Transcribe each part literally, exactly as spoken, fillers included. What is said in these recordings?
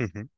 Hı hı.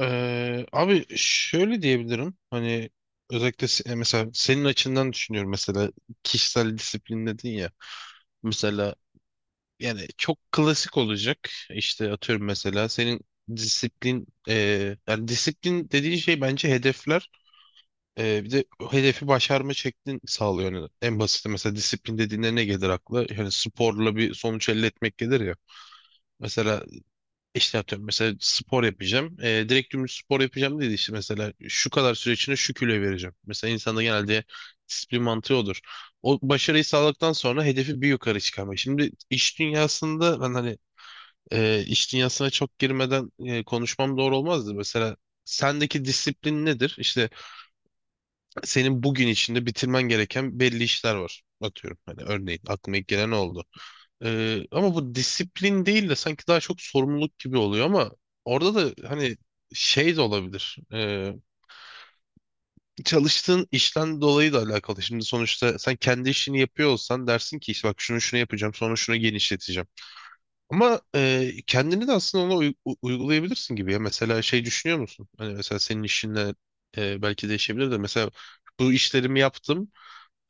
Ee, abi şöyle diyebilirim. Hani özellikle se- mesela senin açından düşünüyorum, mesela kişisel disiplin dedin ya. Mesela, yani çok klasik olacak. İşte atıyorum, mesela senin disiplin e, yani disiplin dediğin şey bence hedefler. E, bir de o hedefi başarma şeklin sağlıyor. Yani en basit, mesela disiplin dediğinde ne gelir akla? Yani sporla bir sonuç elde etmek gelir ya. Mesela İşte atıyorum, mesela spor yapacağım. Ee, direkt dümdüz spor yapacağım dedi, işte mesela şu kadar süre içinde şu kiloyu vereceğim. Mesela insanda genelde disiplin mantığı olur. O başarıyı sağladıktan sonra hedefi bir yukarı çıkarmak. Şimdi iş dünyasında ben hani e, iş dünyasına çok girmeden e, konuşmam doğru olmazdı. Mesela sendeki disiplin nedir? İşte senin bugün içinde bitirmen gereken belli işler var. Atıyorum, hani örneğin aklıma ilk gelen o oldu. Ee, ama bu disiplin değil de sanki daha çok sorumluluk gibi oluyor, ama orada da hani şey de olabilir. Ee, çalıştığın işten dolayı da alakalı. Şimdi sonuçta sen kendi işini yapıyor olsan dersin ki, işte bak şunu şunu yapacağım, sonra şunu genişleteceğim. Ama e, kendini de aslında ona uy- u- uygulayabilirsin gibi ya. Mesela şey düşünüyor musun? Hani mesela senin işinle e, belki değişebilir de mesela bu işlerimi yaptım,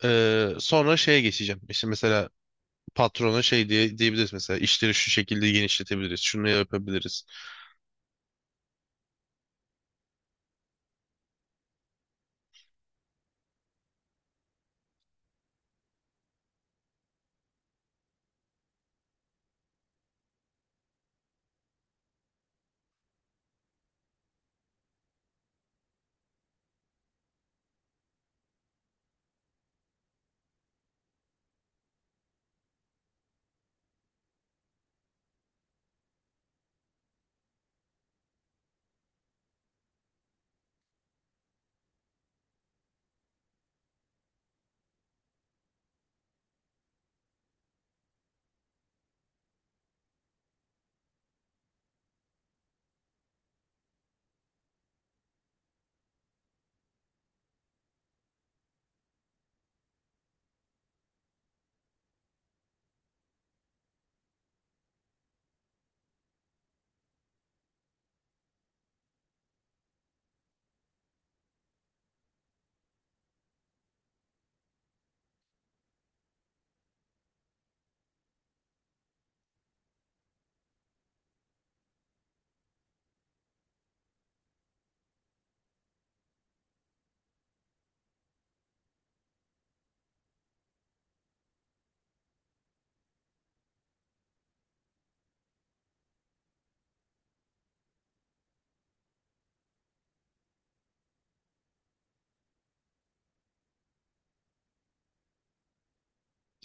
e, sonra şeye geçeceğim. İşte mesela patrona şey diye, diyebiliriz, mesela işleri şu şekilde genişletebiliriz. Şunu yapabiliriz.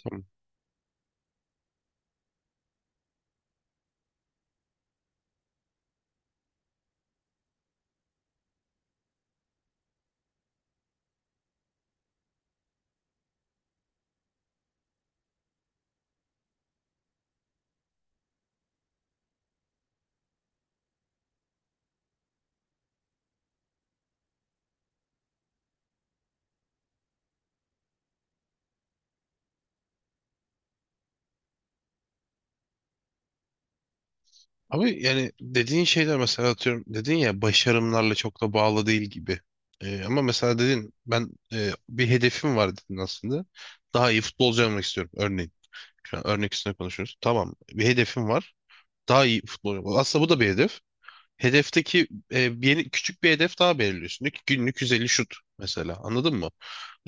Tamam. Ama yani dediğin şeyler, mesela atıyorum dedin ya, başarımlarla çok da bağlı değil gibi. Ee, ama mesela dedin, ben e, bir hedefim var dedin aslında. Daha iyi futbolcu olmak istiyorum örneğin. Şu an örnek üstüne konuşuyoruz. Tamam, bir hedefim var. Daha iyi futbolcu. olmak- Aslında bu da bir hedef. Hedefteki e, bir yeni, küçük bir hedef daha belirliyorsun. Diyor ki günlük yüz elli şut mesela, anladın mı?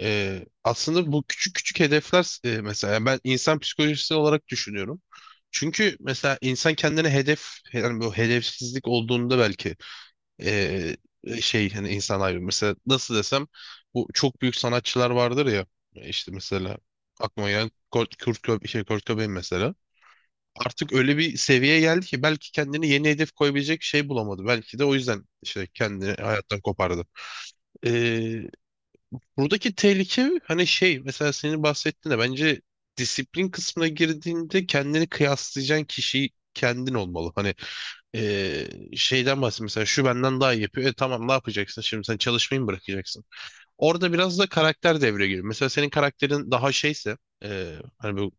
Ee, aslında bu küçük küçük hedefler, e, mesela yani ben insan psikolojisi olarak düşünüyorum. Çünkü mesela insan kendine hedef, yani bu hedefsizlik olduğunda belki e, şey, hani insan ayrı, mesela nasıl desem, bu çok büyük sanatçılar vardır ya. E, işte mesela aklıma gelen Kurt, Kurt, Cob- şey, Kurt Cobain mesela, artık öyle bir seviyeye geldi ki belki kendine yeni hedef koyabilecek şey bulamadı. Belki de o yüzden işte kendini hayattan kopardı. Buradaki tehlike hani şey, mesela senin bahsettiğinde bence disiplin kısmına girdiğinde kendini kıyaslayacağın kişi kendin olmalı. Hani eee, şeyden bahsediyorum, mesela şu benden daha iyi yapıyor. E tamam, ne yapacaksın şimdi, sen çalışmayı mı bırakacaksın? Orada biraz da karakter devreye giriyor. Mesela senin karakterin daha şeyse eee, hani bu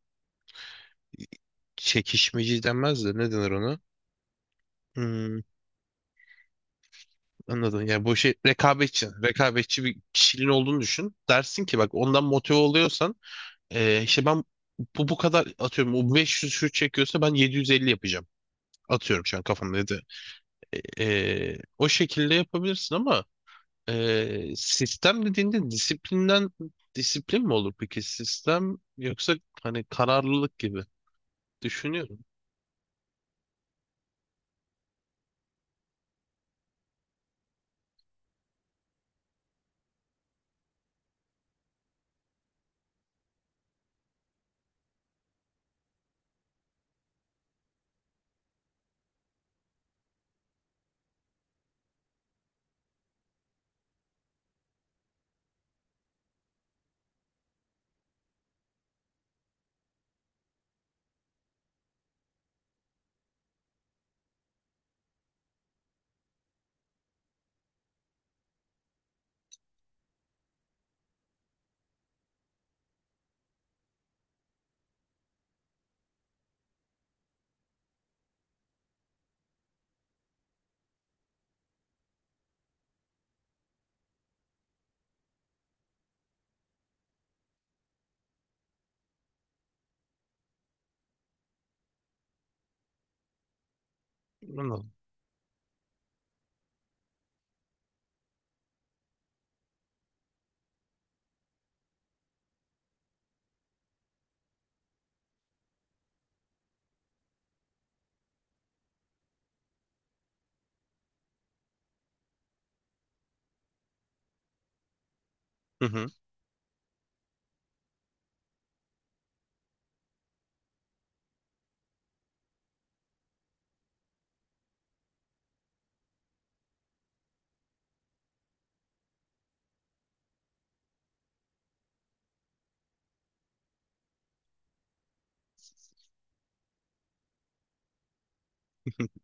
çekişmeci denmez de ne denir ona? Hmm, anladın. Yani bu şey, rekabetçi. Rekabetçi bir kişiliğin olduğunu düşün. Dersin ki bak, ondan motive oluyorsan, Ee, işte ben bu bu kadar atıyorum, o beş yüz şut çekiyorsa ben yedi yüz elli yapacağım. Atıyorum, şu an kafamda dedi. Ee, o şekilde yapabilirsin ama ee, sistem dediğinde disiplinden disiplin mi olur peki sistem, yoksa hani kararlılık gibi düşünüyorum. Anladım. Hı hı.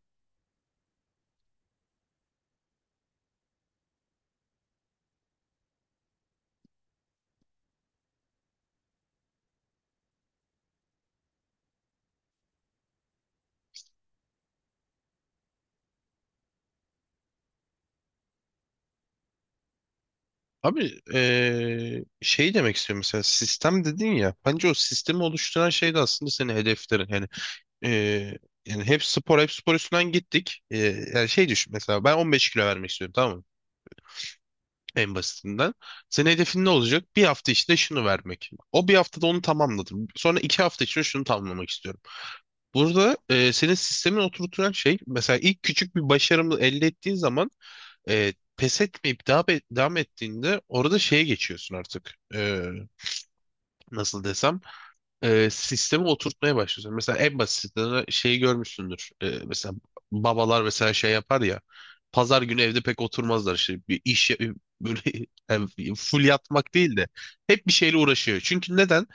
Abi eee, şey demek istiyorum, mesela sistem dedin ya, bence o sistemi oluşturan şey de aslında senin hedeflerin. Hani Ee, yani hep spor hep spor üstünden gittik. Ee, yani şey düşün, mesela ben on beş kilo vermek istiyorum, tamam mı? En basitinden. Senin hedefin ne olacak? Bir hafta içinde şunu vermek. O bir haftada onu tamamladım. Sonra iki hafta içinde şunu tamamlamak istiyorum. Burada e, senin sistemin oturtulan şey, mesela ilk küçük bir başarımı elde ettiğin zaman e, pes etmeyip devam, devam ettiğinde orada şeye geçiyorsun artık. Ee, nasıl desem? E, sistemi oturtmaya başlıyorsun. Mesela en basitinden şeyi görmüşsündür. E, mesela babalar mesela şey yapar ya. Pazar günü evde pek oturmazlar, işte bir iş böyle yani full yatmak değil de hep bir şeyle uğraşıyor. Çünkü neden?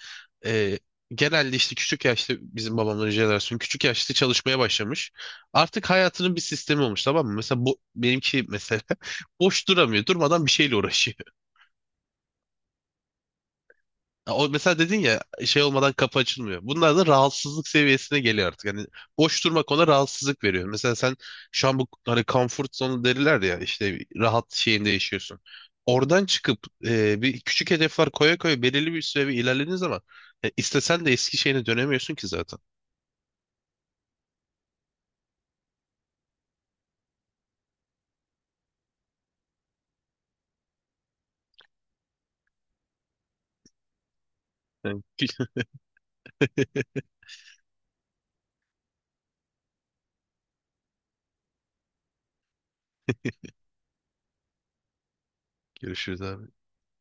E, Genelde işte küçük yaşta bizim babamların jenerasyonu küçük yaşta çalışmaya başlamış. Artık hayatının bir sistemi olmuş, tamam mı? Mesela bu benimki mesela boş duramıyor. Durmadan bir şeyle uğraşıyor. Ya, o mesela dedin ya, şey olmadan kapı açılmıyor. Bunlar da rahatsızlık seviyesine geliyor artık. Yani boş durmak ona rahatsızlık veriyor. Mesela sen şu an bu hani comfort zone derler ya, işte rahat şeyinde yaşıyorsun. Oradan çıkıp e, bir küçük hedefler koya koya belirli bir süre bir ilerlediğin zaman e, istesen de eski şeyine dönemiyorsun ki zaten. Yani görüşürüz abi.